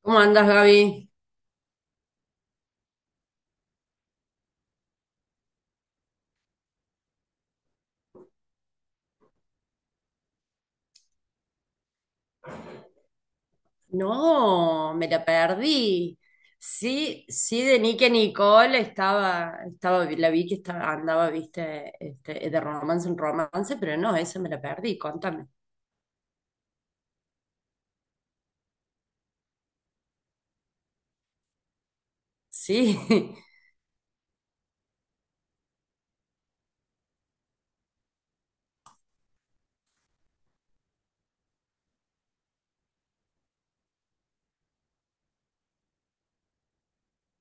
¿Cómo andas, Gaby? No, me la perdí. Sí, sí, de Nick Nicole estaba, la vi que estaba, andaba, viste, este, de romance en romance, pero no, esa me la perdí, contame. Sí,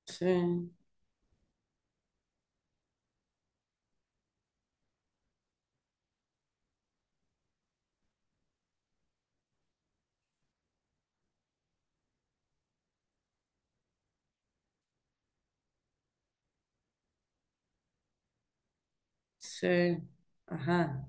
sí, sí, ajá.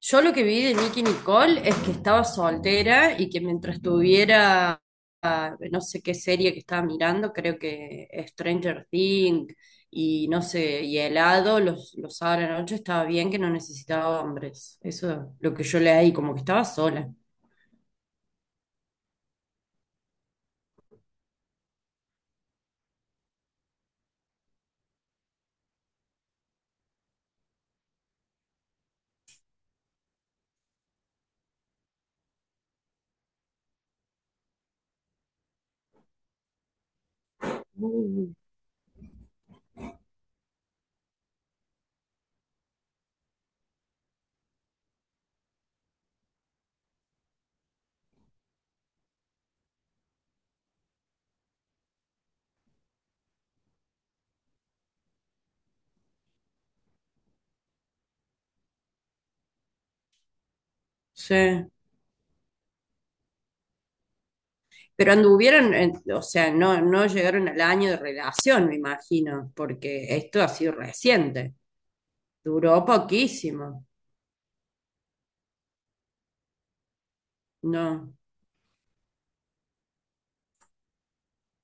Yo lo que vi de Nicki Nicole es que estaba soltera y que mientras tuviera no sé qué serie que estaba mirando, creo que Stranger Things y no sé, y helado, los sábados a la noche estaba bien que no necesitaba hombres. Eso es lo que yo leí, como que estaba sola. Mm. Sí. Pero anduvieron, o sea, no llegaron al año de relación, me imagino, porque esto ha sido reciente. Duró poquísimo. No.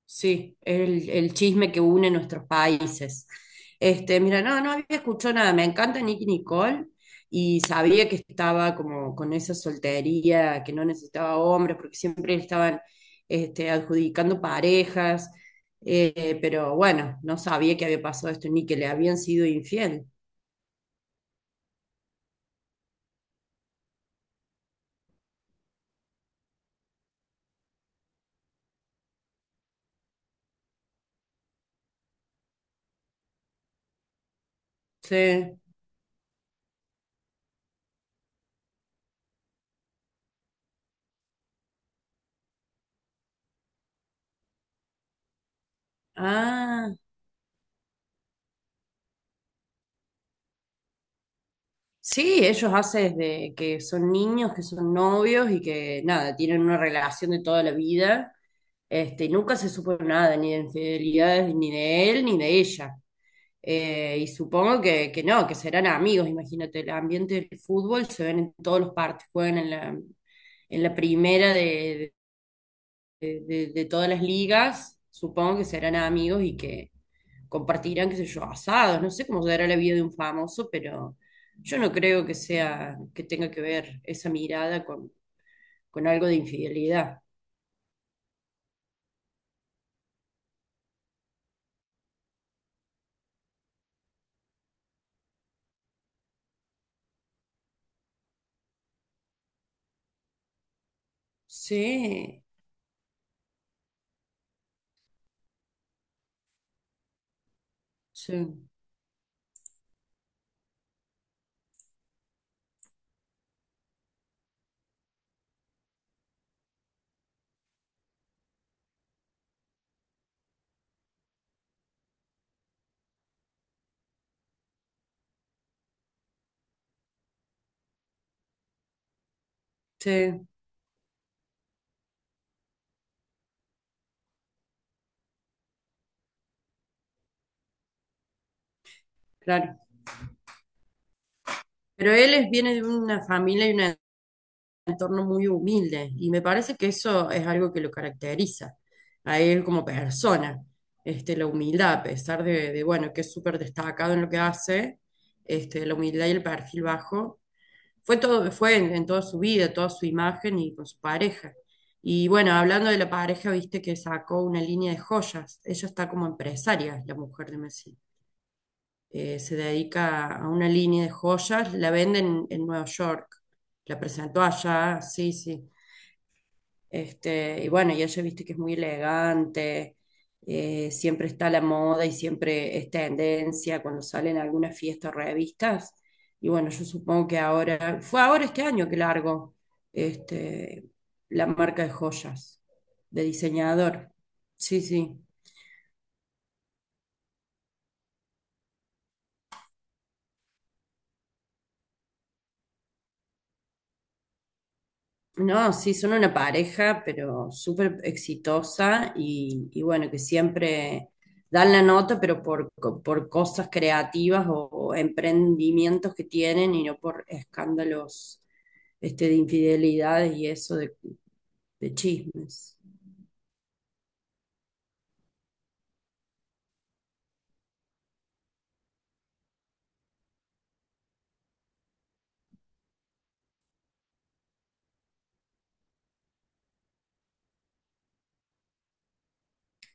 Sí, el chisme que une nuestros países. Este, mira, no había escuchado nada. Me encanta Nicki Nicole y sabía que estaba como con esa soltería, que no necesitaba hombres, porque siempre le estaban este, adjudicando parejas. Pero bueno, no sabía que había pasado esto ni que le habían sido infiel. Sí. Ah. Sí, ellos hacen desde que son niños, que son novios y que nada, tienen una relación de toda la vida. Este, nunca se supo nada, ni de infidelidades, ni de él, ni de ella. Y supongo que no, que serán amigos, imagínate, el ambiente del fútbol se ven en todos los partidos, juegan en la primera de todas las ligas, supongo que serán amigos y que compartirán, qué sé yo, asados, no sé cómo será la vida de un famoso, pero yo no creo que sea, que tenga que ver esa mirada con algo de infidelidad. Sí, sí, sí, claro. Pero viene de una familia y una entorno muy humilde y me parece que eso es algo que lo caracteriza a él como persona, este, la humildad, a pesar de, bueno, que es súper destacado en lo que hace, este, la humildad y el perfil bajo, fue todo, fue en toda su vida, toda su imagen y con su pareja. Y bueno, hablando de la pareja, viste que sacó una línea de joyas, ella está como empresaria, la mujer de Messi. Se dedica a una línea de joyas, la venden en Nueva York. La presentó allá, sí, sí. Este, y bueno, y ella viste que es muy elegante, siempre está a la moda y siempre es tendencia cuando salen algunas fiestas o revistas. Y bueno, yo supongo que ahora, fue ahora este año que largo este, la marca de joyas, de diseñador. Sí, sí. No, sí, son una pareja, pero súper exitosa y bueno, que siempre dan la nota, pero por, por cosas creativas o emprendimientos que tienen y no por escándalos este, de infidelidades y eso de chismes.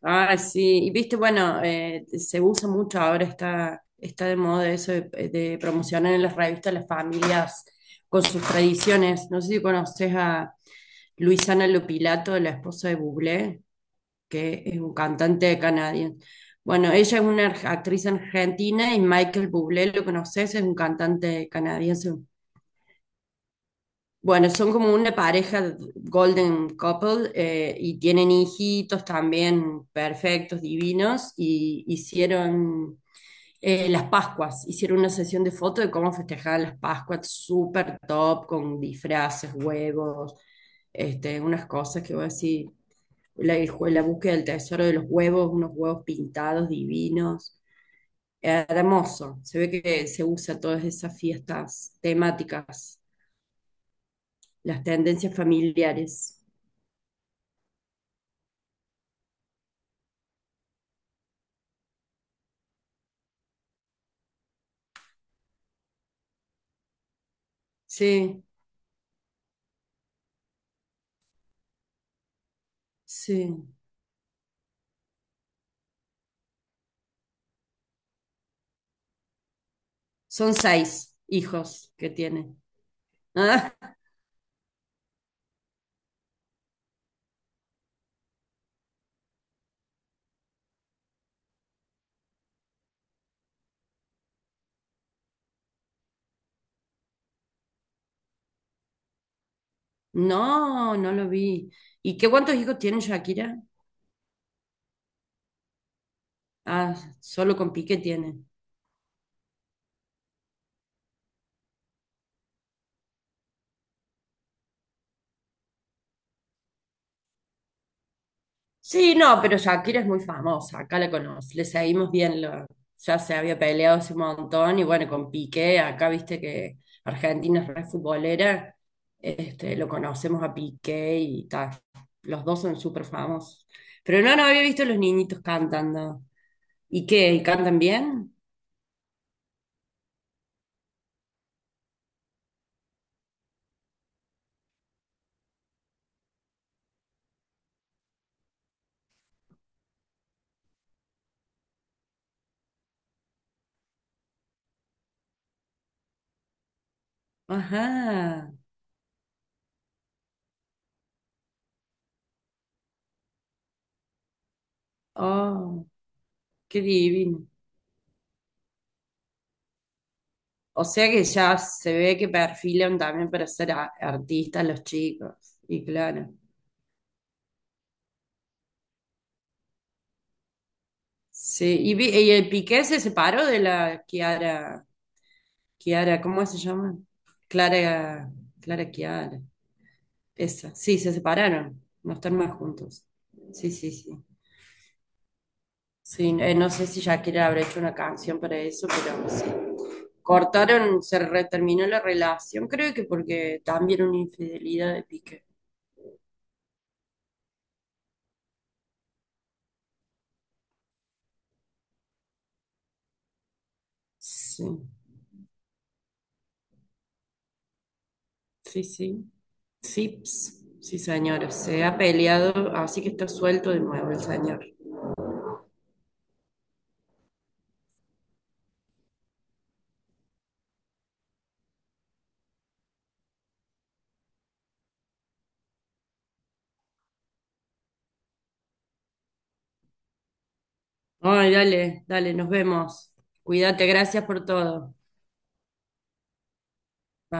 Ah, sí, y viste, bueno, se usa mucho ahora, está de moda eso de promocionar en las revistas las familias con sus tradiciones. No sé si conoces a Luisana Lopilato, la esposa de Bublé, que es un cantante canadiense. Bueno, ella es una actriz argentina y Michael Bublé, ¿lo conoces? Es un cantante canadiense. Bueno, son como una pareja golden couple y tienen hijitos también perfectos, divinos, y hicieron las Pascuas, hicieron una sesión de fotos de cómo festejaban las Pascuas, súper top, con disfraces, huevos, este, unas cosas que voy a decir, la, la búsqueda del tesoro de los huevos, unos huevos pintados divinos, hermoso, se ve que se usa todas esas fiestas temáticas las tendencias familiares. Sí, sí. Son seis hijos que tiene. Ah, no, no lo vi. ¿Y qué cuántos hijos tiene Shakira? Ah, solo con Piqué tiene. Sí, no, pero Shakira es muy famosa, acá la conoce, le seguimos bien, ya se había peleado hace un montón y bueno, con Piqué, acá viste que Argentina es re futbolera, este, lo conocemos a Piqué y tal, los dos son súper famosos. Pero no, no había visto a los niñitos cantando. ¿Y qué? ¿Y cantan bien? Ajá, oh, qué divino. O sea que ya se ve que perfilan también para ser artistas los chicos, y claro. Sí, y, y el Piqué se separó de la Kiara, Kiara, ¿cómo se llama? Clara, Clara Kiara, esa, sí, se separaron, no están más juntos. Sí, sí, sí. Sí, no sé si Shakira habrá hecho una canción para eso, pero sí. Cortaron, terminó la relación, creo que porque también una infidelidad de Piqué. Sí, sí, sí. Sí, ps, sí, señora, se ha peleado, así que está suelto de nuevo el señor. Ay, dale, dale, nos vemos. Cuídate, gracias por todo.